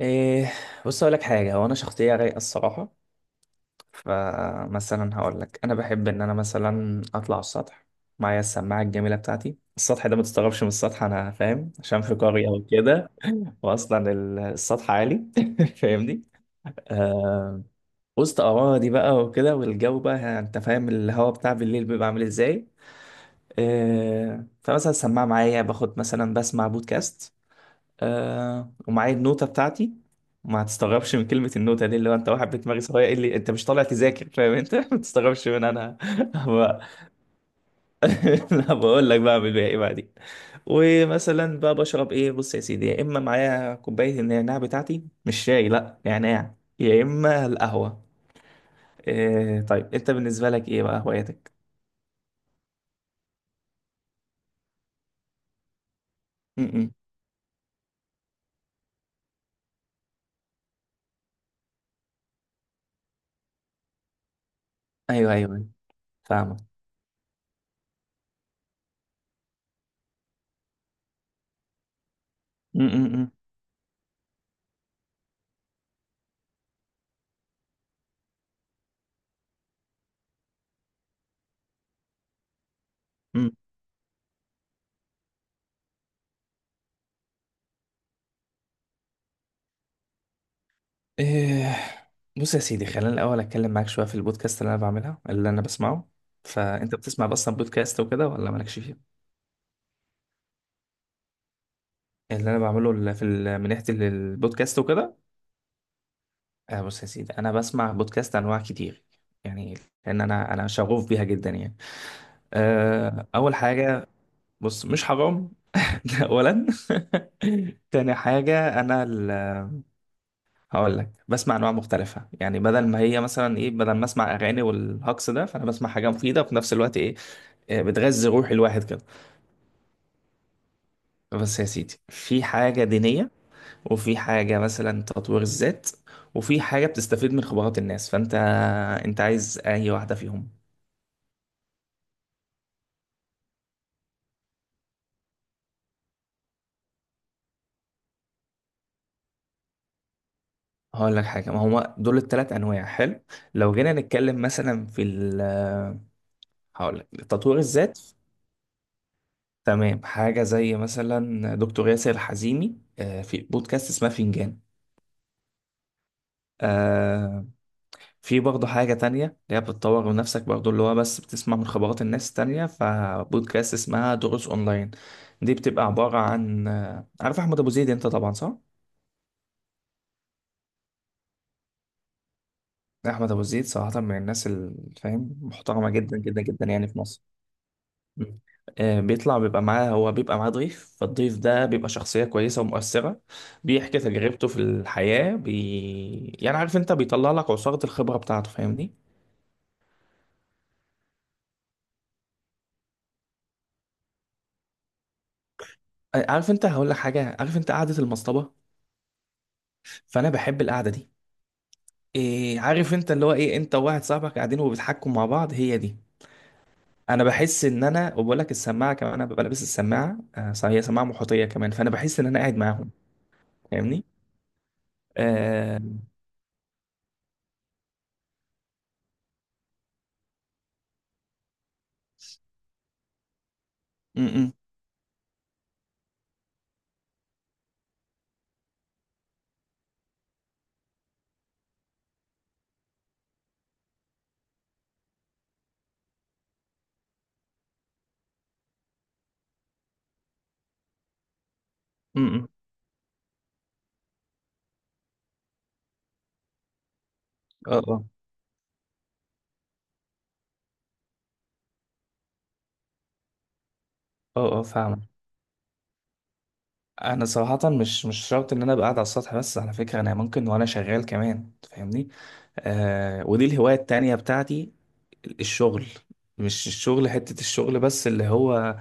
إيه، بص اقول لك حاجه. هو انا شخصيه رايقه الصراحه. فمثلا هقول لك انا بحب ان انا اطلع السطح معايا السماعه الجميله بتاعتي. السطح ده ما تستغربش من السطح، انا فاهم، عشان في قريه وكده. واصلا السطح عالي. فاهمني؟ آه. وسط اراضي بقى وكده، والجو بقى انت فاهم الهواء بتاع بالليل بيبقى عامل ازاي. آه، فمثلا السماعه معايا، باخد مثلا بسمع بودكاست. آه، ومعايا النوتة بتاعتي. ما هتستغربش من كلمة النوتة دي، اللي هو انت واحد بدماغي صغير، ايه اللي انت مش طالع تذاكر؟ فاهم انت؟ ما تستغربش من انا بقى. لا بقول لك بقى بعمل بيها ايه بعدين. ومثلا بقى بشرب ايه؟ بص يا سيدي، يا اما معايا كوباية النعناع بتاعتي، مش شاي، لا، نعناع، يا اما القهوة. إيه طيب انت بالنسبة لك ايه بقى هواياتك؟ م-م. ايوه ايوه، أيوة، فاهمك. م-م-م. إيه، بص يا سيدي، خلينا الأول أتكلم معاك شوية في البودكاست اللي أنا بعملها، اللي أنا بسمعه. فأنت بتسمع أصلا بودكاست وكده ولا مالكش فيه؟ اللي أنا بعمله ال- في ال- من ناحية ال- البودكاست وكده. آه، بص يا سيدي، أنا بسمع بودكاست أنواع كتير يعني. لأن أنا شغوف بيها جدا يعني. آه، أول حاجة، بص مش حرام؟ ده أولا. تاني حاجة هقول لك بسمع انواع مختلفه. يعني بدل ما هي مثلا ايه، بدل ما اسمع اغاني والهجص ده، فانا بسمع حاجه مفيده وفي نفس الوقت ايه، آه، بتغذي روح الواحد كده. بس يا سيدي، في حاجة دينية، وفي حاجة مثلا تطوير الذات، وفي حاجة بتستفيد من خبرات الناس. فأنت أنت عايز أي واحدة فيهم؟ هقول لك حاجة، ما هما دول التلات أنواع حلو. لو جينا نتكلم مثلا في هقول لك تطوير الذات، تمام. حاجة زي مثلا دكتور ياسر الحزيمي، آه، في بودكاست اسمها فنجان. آه، في برضه حاجة تانية اللي هي بتطور من نفسك برضه، اللي هو بس بتسمع من خبرات الناس التانية، فبودكاست اسمها دروس أونلاين. دي بتبقى عبارة عن، عارف أحمد أبو زيد أنت طبعا، صح؟ أحمد أبو زيد صراحة من الناس الفاهم، محترمة جدا جدا جدا يعني في مصر. مم. آه، بيطلع بيبقى معاه، هو بيبقى معاه ضيف، فالضيف ده بيبقى شخصية كويسة ومؤثرة. بيحكي تجربته في الحياة يعني عارف أنت، بيطلع لك عصارة الخبرة بتاعته، فاهمني؟ آه، عارف أنت، هقول لك حاجة، عارف أنت قعدة المصطبة؟ فأنا بحب القعدة دي. إيه عارف انت، اللي هو ايه، انت وواحد صاحبك قاعدين وبيضحكوا مع بعض، هي دي. انا بحس ان انا، وبقول لك السماعه كمان، انا ببقى لابس السماعه، آه صح، هي سماعه محيطيه كمان، فانا بحس ان انا قاعد معاهم. فاهمني؟ آه. م-م، م-م. اه اه اه اه فاهم. انا صراحه مش شرط ان انا ابقى قاعد على السطح، بس على فكره انا ممكن وانا شغال كمان، فاهمني؟ آه، ودي الهوايه التانيه بتاعتي، الشغل. مش الشغل حتة الشغل بس، اللي هو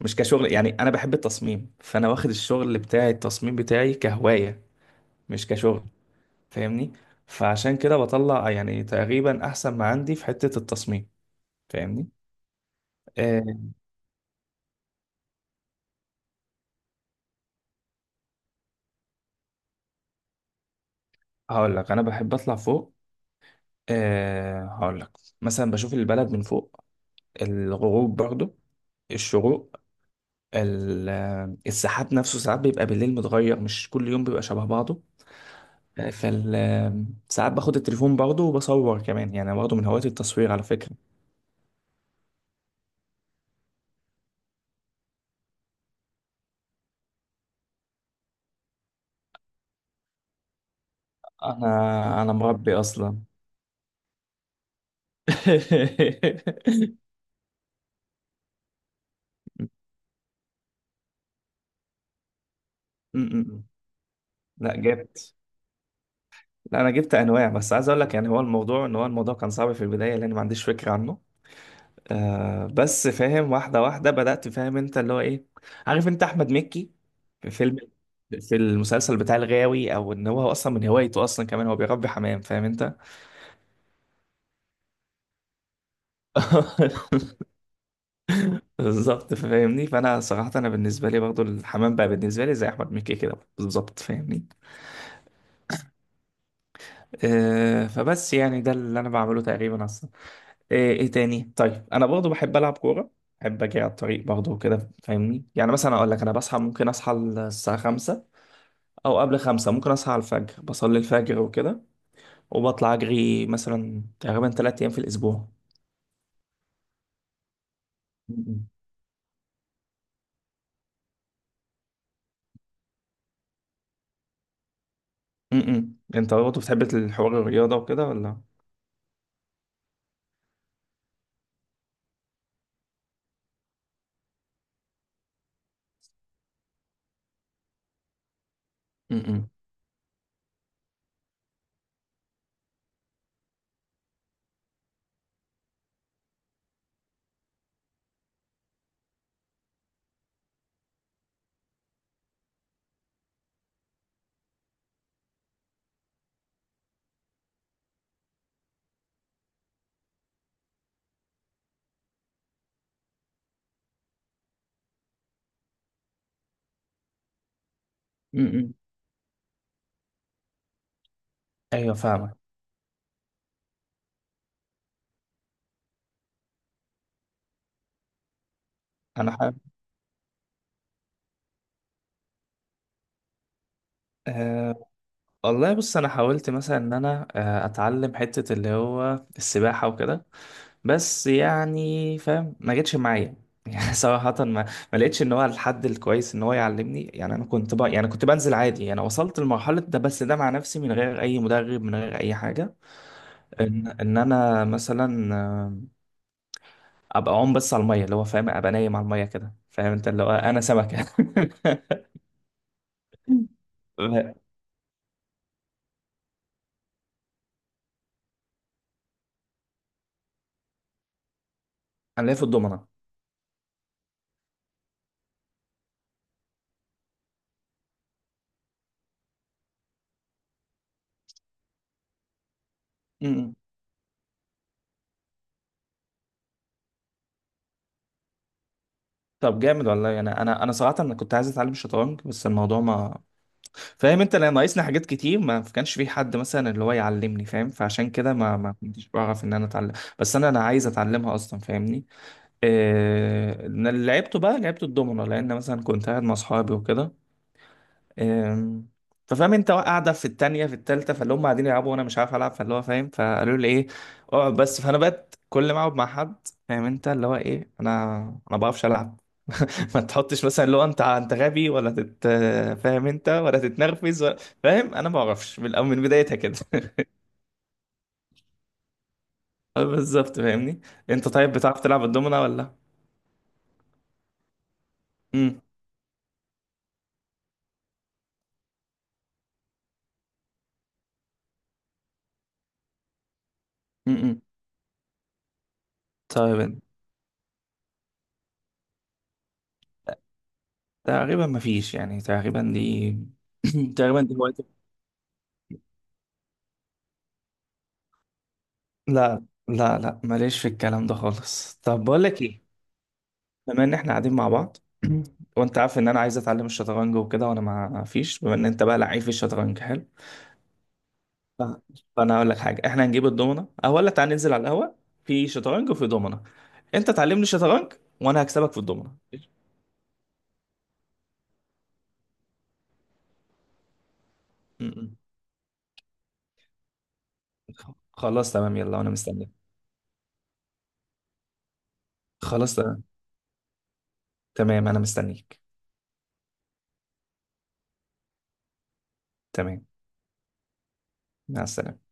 مش كشغل، يعني انا بحب التصميم، فانا واخد الشغل بتاعي، التصميم بتاعي كهواية مش كشغل، فاهمني؟ فعشان كده بطلع يعني تقريبا احسن ما عندي في حتة التصميم، فاهمني؟ أه، هقول لك انا بحب اطلع فوق. أه، هقول لك، مثلا بشوف البلد من فوق، الغروب برضو، الشروق، ال- السحاب نفسه ساعات بيبقى بالليل متغير، مش كل يوم بيبقى شبه بعضه. فال ساعات باخد التليفون برضه وبصور كمان، يعني أنا برضه من هواية التصوير على فكرة. أنا مربي أصلا. م-م-م. لا جبت، لا أنا جبت أنواع. بس عايز أقول لك يعني هو الموضوع، إن هو الموضوع كان صعب في البداية لأن ما عنديش فكرة عنه. آه بس فاهم، واحدة واحدة بدأت. فاهم أنت، اللي هو إيه، عارف أنت أحمد مكي في فيلم، في المسلسل بتاع الغاوي، أو إن هو أصلا من هوايته أصلا كمان هو بيربي حمام، فاهم أنت؟ بالظبط فاهمني. فانا صراحه انا بالنسبه لي برضو الحمام بقى بالنسبه لي زي احمد مكي كده بالظبط، فاهمني؟ آه، فبس يعني ده اللي انا بعمله تقريبا اصلا. آه، ايه تاني؟ طيب انا برضو بحب العب كوره، بحب اجي على الطريق برضو كده، فاهمني؟ يعني مثلا اقول لك انا بصحى، ممكن اصحى الساعه 5، او قبل 5 ممكن اصحى على الفجر، بصلي الفجر وكده، وبطلع اجري مثلا تقريبا 3 ايام في الاسبوع. م-م. م-م. انت برضو بتحب الحوار الرياضه وكده ولا؟ م-م. م-م. ايوه فاهمك. انا أه، والله بص، انا حاولت مثلا ان انا آه، اتعلم حتة اللي هو السباحة وكده، بس يعني فاهم ما جتش معايا. يعني صراحة ما لقيتش ان هو الحد الكويس ان هو يعلمني. يعني انا كنت بقى، يعني كنت بنزل عادي، انا وصلت لمرحلة ده بس ده مع نفسي، من غير اي مدرب، من غير اي حاجة. ان انا مثلا آه، ابقى عوم بس على المية، اللي هو فاهم، ابقى نايم على المية كده، فاهم انت اللي هو انا سمكة. انا ليا في الضمنة. طب جامد والله. انا صراحه، انا كنت عايز اتعلم الشطرنج بس الموضوع ما، فاهم انت، لان ناقصني حاجات كتير، ما كانش في حد مثلا اللي هو يعلمني، فاهم؟ فعشان كده ما كنتش بعرف ان انا اتعلم. بس انا عايز اتعلمها اصلا، فاهمني؟ أنا اللي لعبته بقى لعبت الدومينو، لان مثلا كنت قاعد مع اصحابي وكده. إيه... ففاهم انت، قاعده في التانية في التالتة، فاللي هم قاعدين يلعبوا وانا مش عارف العب، فاللي هو فاهم، فقالوا لي ايه اقعد بس. فانا بقت كل ما اقعد مع حد، فاهم انت، اللي هو ايه، انا ما بعرفش العب. ما تحطش مثلا لو انت غبي، ولا تت، فاهم انت، ولا تتنرفز، ولا، فاهم، انا ما اعرفش من من بدايتها كده. اه بالظبط فاهمني. انت طيب بتعرف تلعب الدومنة ولا؟ امم. امم. طيب تقريبا ما فيش، يعني تقريبا دي، تقريبا دي هوايتي. لا لا لا، ماليش في الكلام ده خالص. طب بقول لك ايه، بما ان احنا قاعدين مع بعض، وانت عارف ان انا عايز اتعلم الشطرنج وكده، وانا ما فيش، بما ان انت بقى لعيب في الشطرنج حلو، ف- فانا هقول لك حاجه، احنا هنجيب الضمنه او ولا تعال ننزل على القهوه، في شطرنج وفي ضمنه، انت تعلمني شطرنج وانا هكسبك في الضمنه. م- م. خلاص تمام، يلا انا مستنيك. خلاص تمام. تمام انا مستنيك. تمام، مع السلامه.